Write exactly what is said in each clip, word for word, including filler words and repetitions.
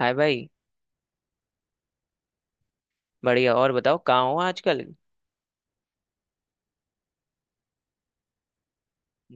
हाय भाई। बढ़िया, और बताओ कहाँ हो आजकल?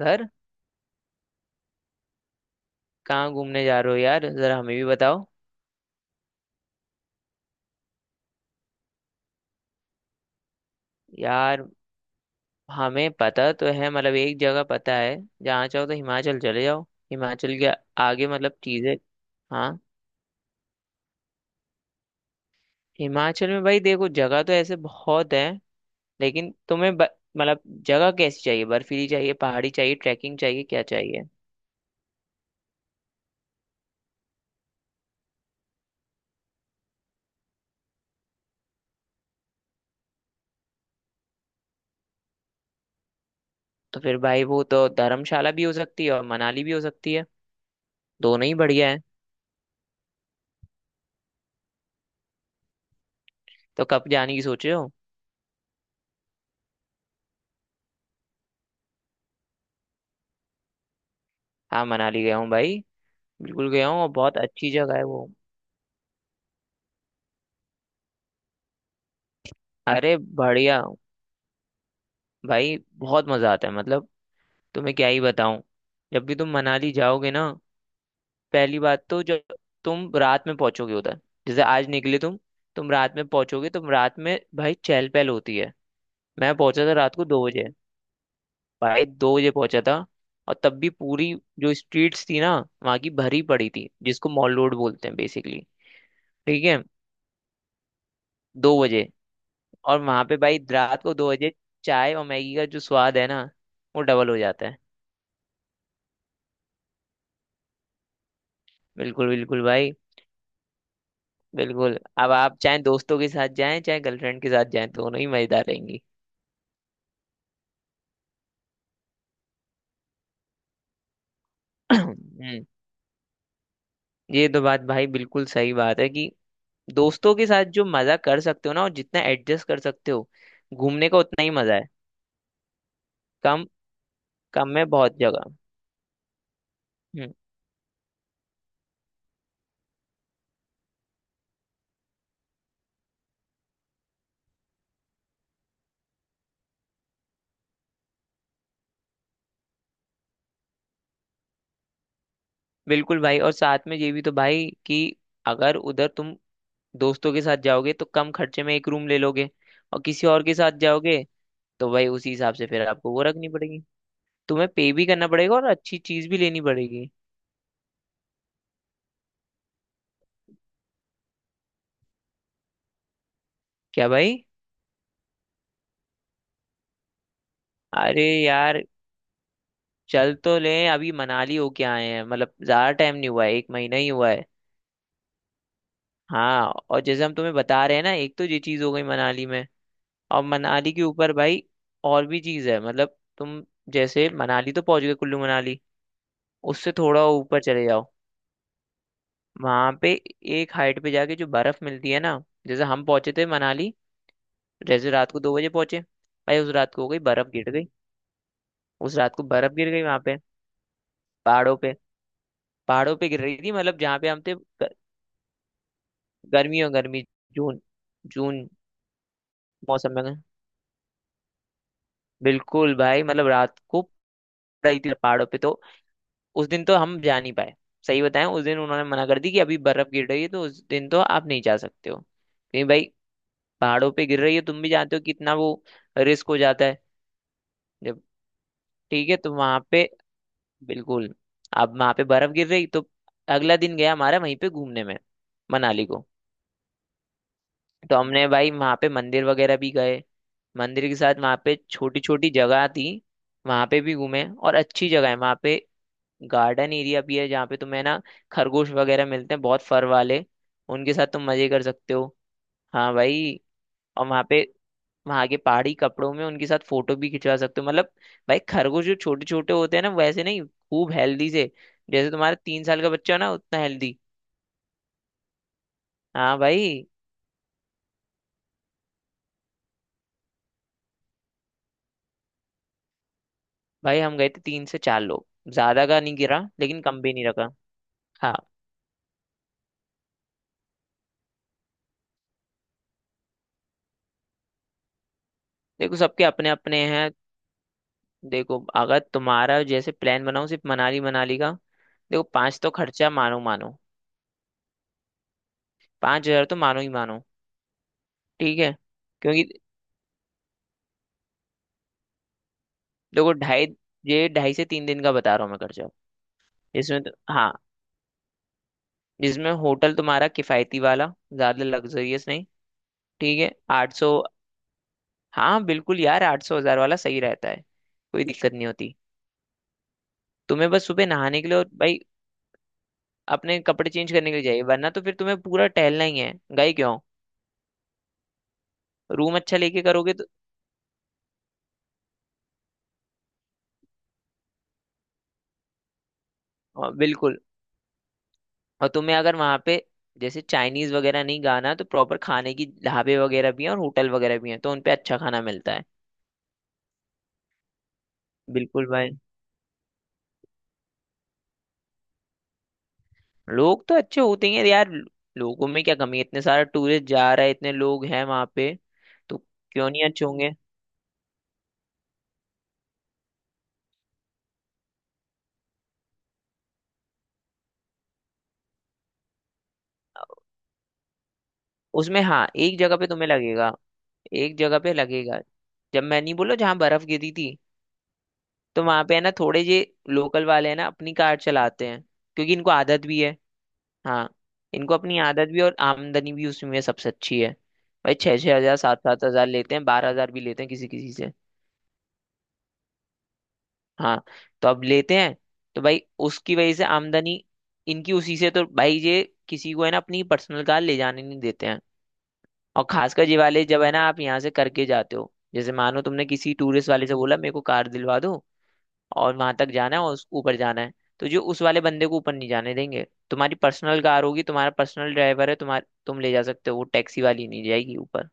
घर। कहाँ घूमने जा रहे हो यार, जरा हमें भी बताओ। यार, हमें पता तो है, मतलब एक जगह पता है। जहाँ चाहो तो हिमाचल चले जाओ। हिमाचल के आगे मतलब चीजें। हाँ। हिमाचल में भाई देखो, जगह तो ऐसे बहुत है, लेकिन तुम्हें ब- मतलब जगह कैसी चाहिए, बर्फीली चाहिए, पहाड़ी चाहिए, ट्रैकिंग चाहिए, क्या चाहिए? तो फिर भाई वो तो धर्मशाला भी हो सकती है और मनाली भी हो सकती है। दोनों ही बढ़िया है। तो कब जाने की सोचे हो? हाँ, मनाली गया हूँ भाई। बिल्कुल गया हूँ, और बहुत अच्छी जगह है वो। अरे बढ़िया। भाई बहुत मजा आता है, मतलब तुम्हें क्या ही बताऊं। जब भी तुम मनाली जाओगे ना, पहली बात तो जब तुम रात में पहुंचोगे उधर, जैसे आज निकले तुम तुम रात में पहुंचोगे, तुम रात में भाई चहल पहल होती है। मैं पहुंचा था रात को दो बजे। भाई दो बजे पहुंचा था, और तब भी पूरी जो स्ट्रीट्स थी ना वहाँ की, भरी पड़ी थी, जिसको मॉल रोड बोलते हैं बेसिकली। ठीक है। दो बजे। और वहां पे भाई रात को दो बजे चाय और मैगी का जो स्वाद है ना, वो डबल हो जाता है। बिल्कुल बिल्कुल भाई। बिल्कुल, अब आप चाहे दोस्तों के साथ जाएं चाहे गर्लफ्रेंड के साथ जाएं, दोनों ही मजेदार रहेंगी। हम्म, ये तो बात भाई बिल्कुल सही बात है कि दोस्तों के साथ जो मजा कर सकते हो ना, और जितना एडजस्ट कर सकते हो, घूमने का उतना ही मजा है। कम। कम में बहुत जगह। हम्म। बिल्कुल भाई, और साथ में ये भी तो भाई कि अगर उधर तुम दोस्तों के साथ जाओगे तो कम खर्चे में एक रूम ले लोगे, और किसी और के साथ जाओगे तो भाई उसी हिसाब से फिर आपको वो रखनी पड़ेगी। तुम्हें पे भी करना पड़ेगा और अच्छी चीज भी लेनी पड़ेगी। क्या भाई। अरे यार चल तो लें, अभी मनाली होके आए हैं, मतलब ज्यादा टाइम नहीं हुआ है, एक महीना ही हुआ है। हाँ, और जैसे हम तुम्हें बता रहे हैं ना, एक तो ये चीज हो गई मनाली में, और मनाली के ऊपर भाई और भी चीज है, मतलब तुम जैसे मनाली तो पहुंच गए, कुल्लू मनाली, उससे थोड़ा ऊपर चले जाओ, वहां पे एक हाइट पे जाके जो बर्फ मिलती है ना। जैसे हम पहुंचे थे मनाली, जैसे रात को दो बजे पहुंचे भाई, उस रात को हो गई, बर्फ गिर गई। उस रात को बर्फ गिर गई वहां पे, पहाड़ों पे। पहाड़ों पे गिर रही थी, मतलब जहाँ पे हम थे ग- गर्मी और गर्मी। जून। जून मौसम में, बिल्कुल भाई, मतलब रात को पड़ रही थी पहाड़ों पे। तो उस दिन तो हम जा नहीं पाए। सही बताएं उस दिन उन्होंने मना कर दी कि अभी बर्फ गिर रही है, तो उस दिन तो आप नहीं जा सकते हो। नहीं भाई पहाड़ों पे गिर रही है, तुम भी जानते हो कितना वो रिस्क हो जाता है। जब ठीक है तो वहां पे, बिल्कुल, अब वहां पे बर्फ गिर रही तो अगला दिन गया हमारा वहीं पे घूमने में, मनाली को। तो हमने भाई वहां पे मंदिर वगैरह भी गए। मंदिर के साथ वहां पे छोटी छोटी जगह थी, वहां पे भी घूमे, और अच्छी जगह है वहां पे। गार्डन एरिया भी है जहाँ पे तुम्हें ना खरगोश वगैरह मिलते हैं, बहुत फर वाले। उनके साथ तुम मजे कर सकते हो। हाँ भाई, और वहाँ पे वहां के पहाड़ी कपड़ों में उनके साथ फोटो भी खिंचवा सकते हो, मतलब भाई खरगोश जो छोटे छोटे होते हैं ना वैसे नहीं, खूब हेल्दी, से जैसे तुम्हारा तीन साल का बच्चा हो ना, उतना हेल्दी। हाँ भाई। भाई हम गए थे तीन से चार लोग। ज्यादा का नहीं गिरा लेकिन कम भी नहीं रखा। हाँ, देखो सबके अपने अपने हैं। देखो अगर तुम्हारा जैसे प्लान बनाओ सिर्फ मनाली, मनाली का, देखो पाँच तो खर्चा, मानो मानो। पाँच हजार तो मानो ही मानो। ठीक है, क्योंकि देखो ढाई, ये ढाई से तीन दिन का बता रहा हूँ मैं खर्चा। इसमें तो हाँ, जिसमें होटल तुम्हारा किफायती वाला, ज्यादा लग्जरियस नहीं, ठीक है, आठ सौ। हाँ बिल्कुल यार, आठ सौ हजार वाला सही रहता है। कोई दिक्कत नहीं होती। तुम्हें बस सुबह नहाने के लिए और भाई अपने कपड़े चेंज करने के लिए चाहिए, वरना तो फिर तुम्हें पूरा टहलना ही है, गए क्यों? रूम अच्छा लेके करोगे तो अ, बिल्कुल। और तुम्हें अगर वहां पे जैसे चाइनीज वगैरह नहीं गाना तो प्रॉपर खाने की ढाबे वगैरह भी हैं और होटल वगैरह भी हैं, तो उनपे अच्छा खाना मिलता है। बिल्कुल भाई। लोग तो अच्छे होते हैं यार। लोगों में क्या कमी है, इतने सारे टूरिस्ट जा रहे हैं, इतने लोग हैं वहां पे, तो क्यों नहीं अच्छे होंगे। उसमें हाँ, एक जगह पे तुम्हें लगेगा, एक जगह पे लगेगा, जब मैं नहीं बोला जहाँ बर्फ गिरी थी, तो वहां पे है ना थोड़े जे लोकल वाले हैं ना, अपनी कार चलाते हैं, क्योंकि इनको आदत भी है। हाँ। इनको अपनी आदत भी और आमदनी भी उसमें सबसे अच्छी है। भाई छः छः हजार, सात सात हजार लेते हैं, बारह हजार भी लेते हैं किसी किसी से। हाँ, तो अब लेते हैं तो भाई उसकी वजह से, आमदनी इनकी उसी से, तो भाई ये किसी को है ना अपनी पर्सनल कार ले जाने नहीं देते हैं। और खासकर ये वाले, जब है ना, आप यहाँ से करके जाते हो जैसे, मानो तुमने किसी टूरिस्ट वाले से बोला मेरे को कार दिलवा दो, और वहां तक जाना है और उस ऊपर जाना है, तो जो उस वाले बंदे को ऊपर नहीं जाने देंगे। तुम्हारी पर्सनल कार होगी, तुम्हारा पर्सनल ड्राइवर है, तुम्हार तुम ले जा सकते हो, वो टैक्सी वाली नहीं जाएगी ऊपर।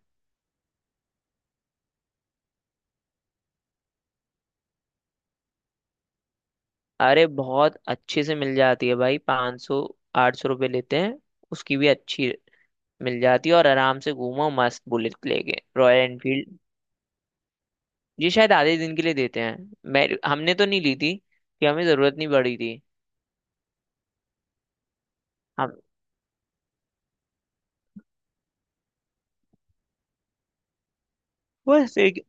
अरे बहुत अच्छे से मिल जाती है भाई, पाँच सौ आठ सौ रुपये लेते हैं। उसकी भी अच्छी मिल जाती है, और आराम से घूमो मस्त, बुलेट लेके, रॉयल एनफील्ड। ये शायद आधे दिन के लिए देते हैं। मैं हमने तो नहीं ली थी, कि हमें जरूरत नहीं पड़ी थी। हम बस एक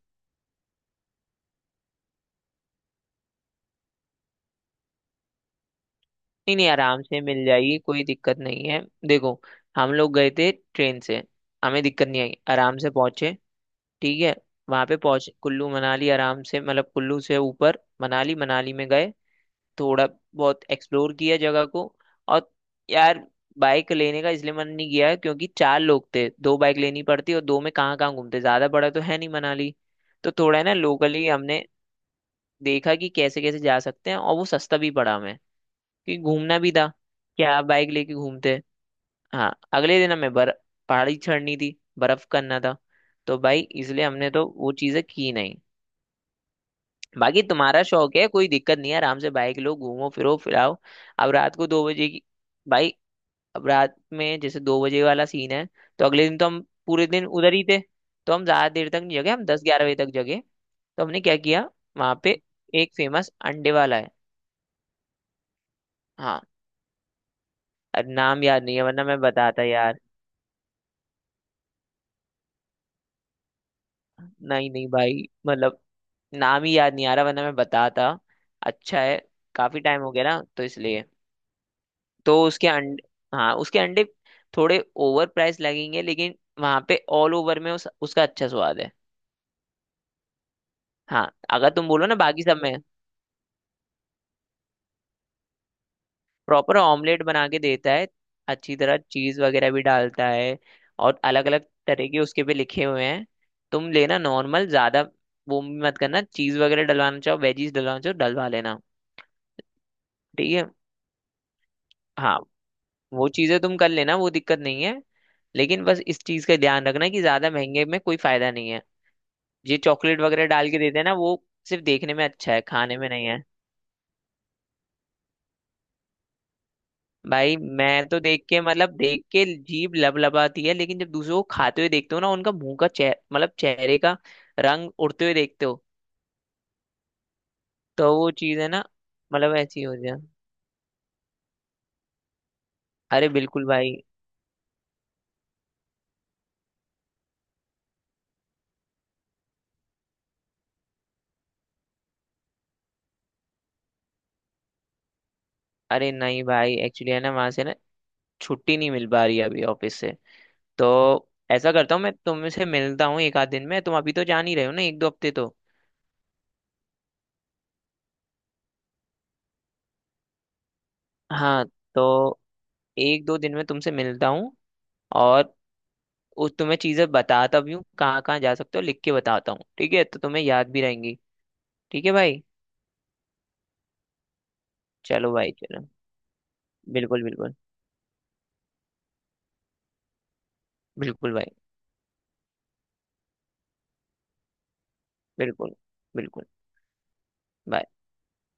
नहीं नहीं, आराम से मिल जाएगी, कोई दिक्कत नहीं है। देखो, हम लोग गए थे ट्रेन से, हमें दिक्कत नहीं आई, आराम से पहुंचे। ठीक है। वहां पे पहुंच कुल्लू मनाली आराम से, मतलब कुल्लू से ऊपर मनाली, मनाली में गए, थोड़ा बहुत एक्सप्लोर किया जगह को। और यार बाइक लेने का इसलिए मन नहीं किया है क्योंकि चार लोग थे, दो बाइक लेनी पड़ती, और दो में कहाँ कहाँ घूमते, ज्यादा बड़ा तो है नहीं मनाली। तो थोड़ा है ना लोकली हमने देखा कि कैसे कैसे जा सकते हैं, और वो सस्ता भी पड़ा हमें, क्योंकि घूमना भी था। क्या आप बाइक लेके घूमते? हाँ, अगले दिन हमें बर पहाड़ी चढ़नी थी, बर्फ करना था, तो भाई इसलिए हमने तो वो चीजें की नहीं। बाकी तुम्हारा शौक है, कोई दिक्कत नहीं है, आराम से बाइक लो, घूमो फिरो फिराओ। अब रात को दो बजे की भाई, अब रात में जैसे दो बजे वाला सीन है, तो अगले दिन तो हम पूरे दिन उधर ही थे, तो हम ज्यादा देर तक नहीं जगे, हम दस ग्यारह बजे तक जगे। तो हमने क्या किया, वहां पे एक फेमस अंडे वाला है। हाँ। अरे नाम याद नहीं है वरना मैं बताता यार। नहीं नहीं भाई, मतलब नाम ही याद नहीं आ रहा वरना मैं बताता, अच्छा है। काफी टाइम हो गया ना तो इसलिए। तो उसके अंडे, हाँ, उसके अंडे थोड़े ओवर प्राइस लगेंगे, लेकिन वहां पे ऑल ओवर में उस, उसका अच्छा स्वाद है। हाँ, अगर तुम बोलो ना बाकी सब में। प्रॉपर ऑमलेट बना के देता है, अच्छी तरह चीज वगैरह भी डालता है, और अलग अलग तरह के उसके पे लिखे हुए हैं। तुम लेना नॉर्मल, ज्यादा वो भी मत करना, चीज वगैरह डलवाना चाहो, वेजीज डलवाना चाहो, डलवा लेना। ठीक है। हाँ, वो चीजें तुम कर लेना, वो दिक्कत नहीं है। लेकिन बस इस चीज का ध्यान रखना कि ज्यादा महंगे में कोई फायदा नहीं है। ये चॉकलेट वगैरह डाल के देते हैं ना वो, सिर्फ देखने में अच्छा है, खाने में नहीं है। भाई मैं तो देख के, मतलब देख के जीभ लबलबाती है, लेकिन जब दूसरों को खाते हुए देखते हो ना, उनका मुंह का चेह मतलब चेहरे का रंग उड़ते हुए देखते हो, तो वो चीज है ना, मतलब ऐसी हो जाए। अरे बिल्कुल भाई। अरे नहीं भाई, एक्चुअली है ना, वहां से ना छुट्टी नहीं मिल पा रही है अभी ऑफिस से, तो ऐसा करता हूँ मैं, तुमसे मिलता हूँ एक आध दिन में, तुम अभी तो जान ही रहे हो ना, एक दो हफ्ते तो। हाँ, तो एक दो दिन में तुमसे मिलता हूँ, और उस तुम्हें चीजें बताता भी हूँ कहाँ कहाँ जा सकते हो, लिख के बताता हूँ, ठीक है, तो तुम्हें याद भी रहेंगी। ठीक है भाई। चलो भाई चलो। बिल्कुल बिल्कुल। बिल्कुल भाई। बिल्कुल। बिल्कुल bye।